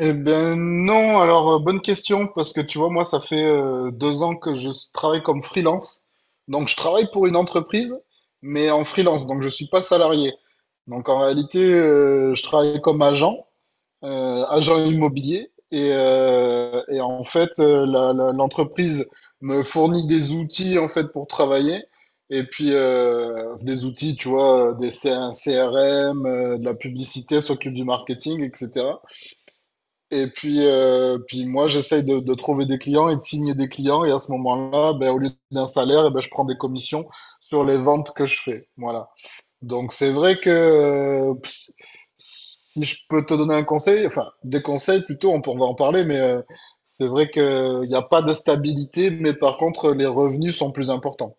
Eh ben non, alors bonne question, parce que tu vois, moi, ça fait 2 ans que je travaille comme freelance. Donc, je travaille pour une entreprise, mais en freelance, donc je suis pas salarié. Donc, en réalité, je travaille comme agent, agent immobilier, et en fait, l'entreprise me fournit des outils, en fait, pour travailler. Et puis, des outils, tu vois, un CRM, de la publicité, s'occupe du marketing, etc. Et puis moi, j'essaye de trouver des clients et de signer des clients. Et à ce moment-là, ben, au lieu d'un salaire, eh ben, je prends des commissions sur les ventes que je fais. Voilà. Donc, c'est vrai que si je peux te donner un conseil, enfin, des conseils plutôt, on va en parler, mais c'est vrai qu'il n'y a pas de stabilité, mais par contre, les revenus sont plus importants.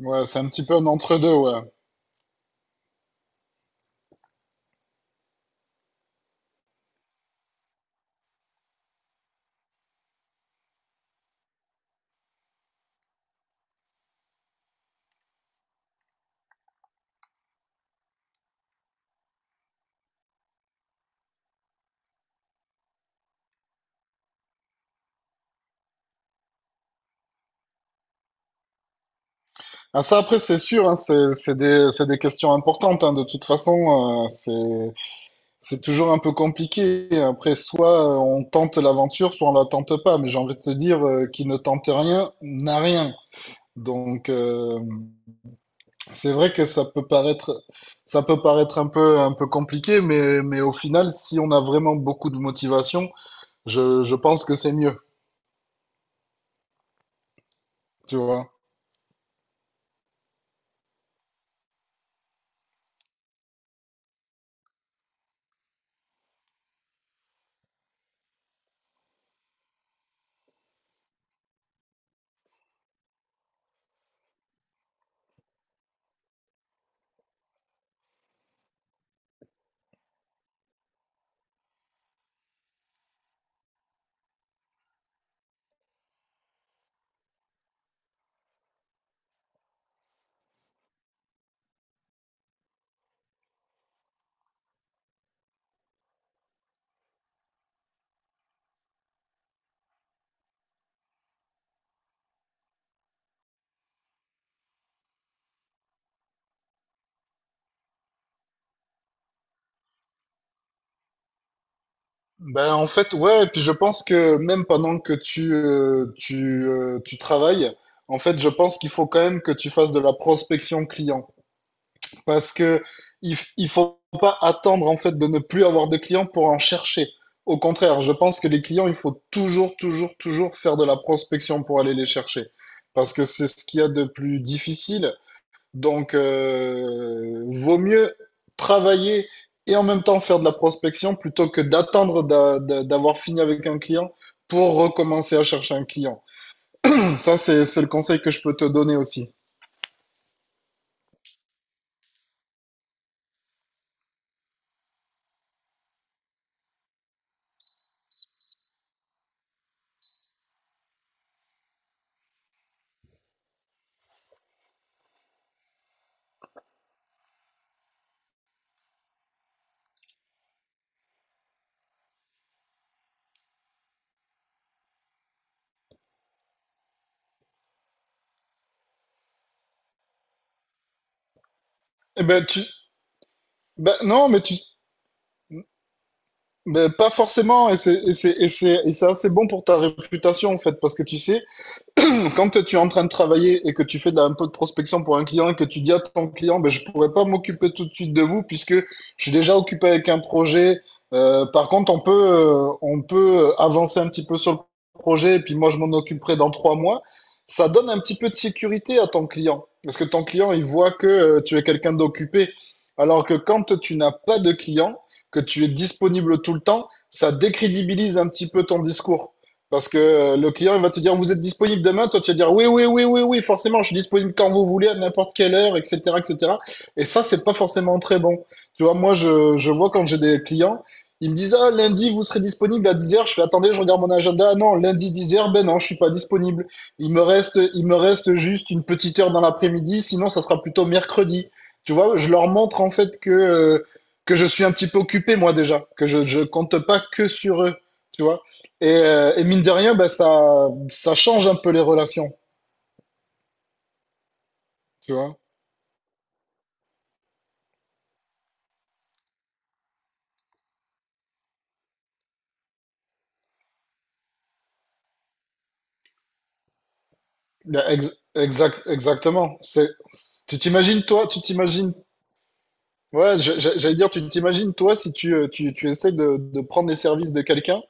Ouais, c'est un petit peu un entre-deux, ouais. Ah, ça, après, c'est sûr, hein, c'est des questions importantes, hein, de toute façon. C'est toujours un peu compliqué. Après, soit on tente l'aventure, soit on la tente pas. Mais j'ai envie de te dire, qui ne tente rien n'a rien. Donc, c'est vrai que ça peut paraître un peu compliqué, mais au final, si on a vraiment beaucoup de motivation, je pense que c'est mieux, tu vois. Ben, en fait, ouais, et puis je pense que même pendant que tu travailles, en fait, je pense qu'il faut quand même que tu fasses de la prospection client. Parce que il faut pas attendre en fait de ne plus avoir de clients pour en chercher. Au contraire, je pense que les clients, il faut toujours, toujours, toujours faire de la prospection pour aller les chercher. Parce que c'est ce qu'il y a de plus difficile. Donc, vaut mieux travailler et en même temps faire de la prospection plutôt que d'attendre d'avoir fini avec un client pour recommencer à chercher un client. Ça, c'est le conseil que je peux te donner aussi. Eh ben, tu... ben, non, mais pas forcément, et c'est assez bon pour ta réputation en fait, parce que tu sais, quand tu es en train de travailler et que tu fais un peu de prospection pour un client et que tu dis à ton client, ben, je ne pourrais pas m'occuper tout de suite de vous puisque je suis déjà occupé avec un projet. Par contre, on peut avancer un petit peu sur le projet et puis moi, je m'en occuperai dans 3 mois. Ça donne un petit peu de sécurité à ton client parce que ton client, il voit que tu es quelqu'un d'occupé. Alors que quand tu n'as pas de client, que tu es disponible tout le temps, ça décrédibilise un petit peu ton discours. Parce que le client, il va te dire, vous êtes disponible demain. Toi, tu vas dire, oui, oui, oui, oui, oui, forcément, je suis disponible quand vous voulez, à n'importe quelle heure, etc., etc. Et cetera. Et ça, c'est pas forcément très bon. Tu vois, moi, je vois quand j'ai des clients, ils me disent, ah, lundi, vous serez disponible à 10h. Je fais, attendez, je regarde mon agenda. Ah non, lundi 10h, ben non, je suis pas disponible. Il me reste juste une petite heure dans l'après-midi. Sinon, ça sera plutôt mercredi. Tu vois, je leur montre, en fait, que je suis un petit peu occupé, moi, déjà. Que je compte pas que sur eux. Tu vois. Et mine de rien, ben, ça change un peu les relations, tu vois. Ben, exactement. Tu t'imagines, toi, tu t'imagines. Ouais, j'allais dire, tu t'imagines, toi, si tu essaies de prendre les services de quelqu'un.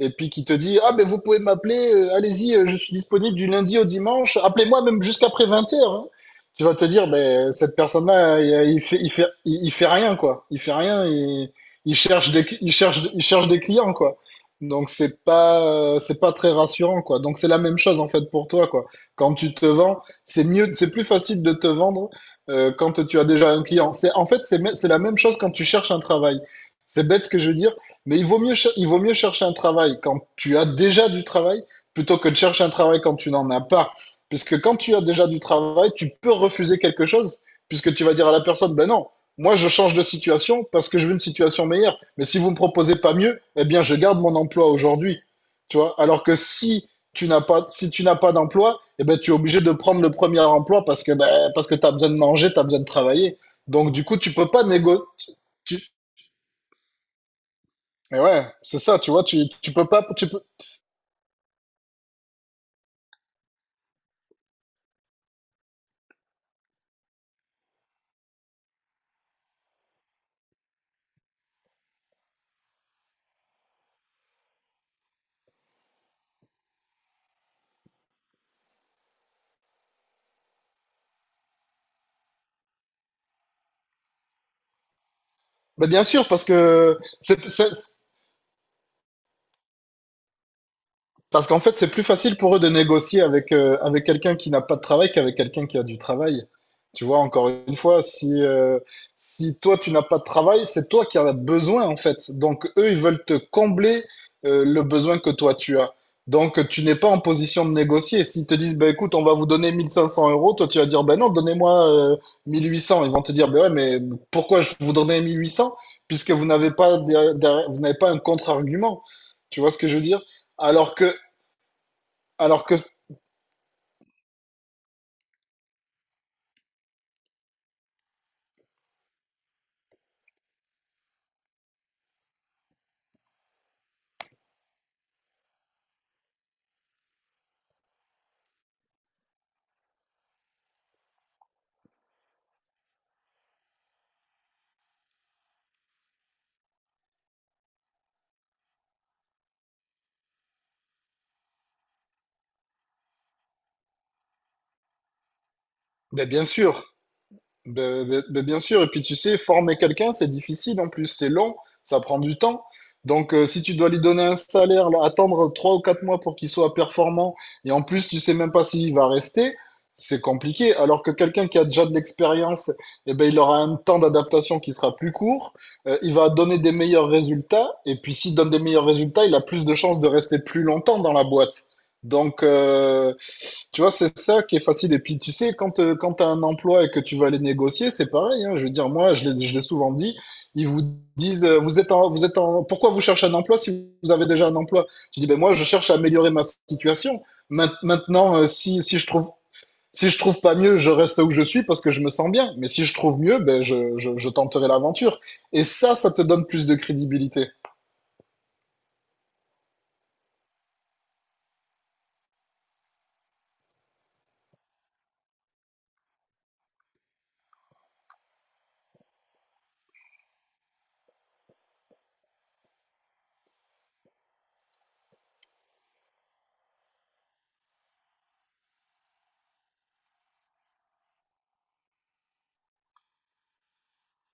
Et puis qui te dit ah, mais vous pouvez m'appeler, allez-y, je suis disponible du lundi au dimanche, appelez-moi même jusqu'après 20h. Tu vas te dire ben, cette personne-là, il fait rien, quoi. Il fait rien, il cherche des clients, quoi. Donc, c'est pas très rassurant, quoi. Donc, c'est la même chose, en fait, pour toi, quoi. Quand tu te vends, c'est mieux, c'est plus facile de te vendre quand tu as déjà un client. C'est, en fait, c'est, me- c'est la même chose quand tu cherches un travail. C'est bête ce que je veux dire, mais il vaut mieux chercher un travail quand tu as déjà du travail plutôt que de chercher un travail quand tu n'en as pas. Puisque quand tu as déjà du travail, tu peux refuser quelque chose, puisque tu vas dire à la personne, ben non, moi je change de situation parce que je veux une situation meilleure. Mais si vous me proposez pas mieux, eh bien je garde mon emploi aujourd'hui. Tu vois? Alors que si tu n'as pas d'emploi, eh ben tu es obligé de prendre le premier emploi parce que tu as besoin de manger, tu as besoin de travailler. Donc du coup, tu peux pas négo- tu, mais ouais, c'est ça, tu vois, tu peux pas, tu peux, bah bien sûr. Parce qu'en fait, c'est plus facile pour eux de négocier avec, avec quelqu'un qui n'a pas de travail qu'avec quelqu'un qui a du travail. Tu vois, encore une fois, si toi, tu n'as pas de travail, c'est toi qui en as besoin, en fait. Donc, eux, ils veulent te combler le besoin que toi, tu as. Donc, tu n'es pas en position de négocier. S'ils te disent, ben écoute, on va vous donner 1 500 euros, toi, tu vas dire, ben non, donnez-moi 1 800. Ils vont te dire, ben ouais, mais pourquoi je vous donner 1 800. Puisque vous n'avez pas, vous n'avez pas un contre-argument. Tu vois ce que je veux dire? Alors que alors que, ben bien sûr, ben bien sûr. Et puis tu sais, former quelqu'un, c'est difficile en plus, c'est long, ça prend du temps. Donc si tu dois lui donner un salaire, là, attendre 3 ou 4 mois pour qu'il soit performant, et en plus tu sais même pas s'il va rester, c'est compliqué. Alors que quelqu'un qui a déjà de l'expérience, eh ben, il aura un temps d'adaptation qui sera plus court, il va donner des meilleurs résultats, et puis s'il donne des meilleurs résultats, il a plus de chances de rester plus longtemps dans la boîte. Donc, euh, Tu vois, c'est ça qui est facile. Et puis, tu sais, quand tu as un emploi et que tu vas aller négocier, c'est pareil, hein. Je veux dire, moi, je l'ai souvent dit, ils vous disent, pourquoi vous cherchez un emploi si vous avez déjà un emploi? Je dis, ben moi, je cherche à améliorer ma situation. Maintenant, si je trouve pas mieux, je reste où je suis parce que je me sens bien. Mais si je trouve mieux, ben je tenterai l'aventure. Et ça te donne plus de crédibilité.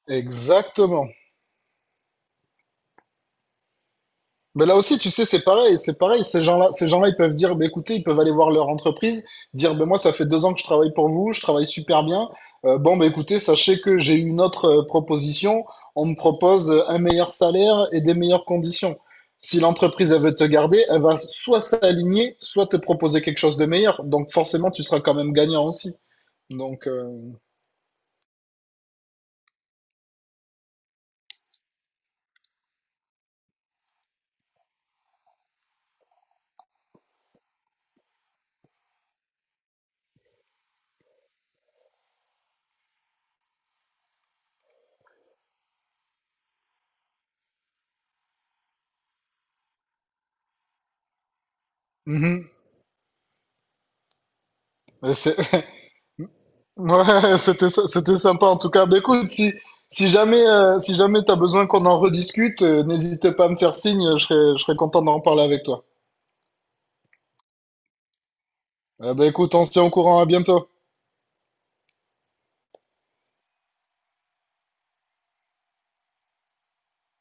Exactement. Mais là aussi, tu sais, c'est pareil, c'est pareil. Ces gens-là, ils peuvent dire, bah, écoutez, ils peuvent aller voir leur entreprise, dire, ben moi, ça fait 2 ans que je travaille pour vous, je travaille super bien. Bon, bah, écoutez, sachez que j'ai une autre proposition. On me propose un meilleur salaire et des meilleures conditions. Si l'entreprise, elle veut te garder, elle va soit s'aligner, soit te proposer quelque chose de meilleur. Donc, forcément, tu seras quand même gagnant aussi. Donc, euh, mhm. Euh, C'est- Ouais, c'était sympa en tout cas. Bah, écoute, si jamais t'as besoin qu'on en rediscute, n'hésite pas à me faire signe, je serais content d'en parler avec toi. Bah écoute, on se tient au courant, à bientôt.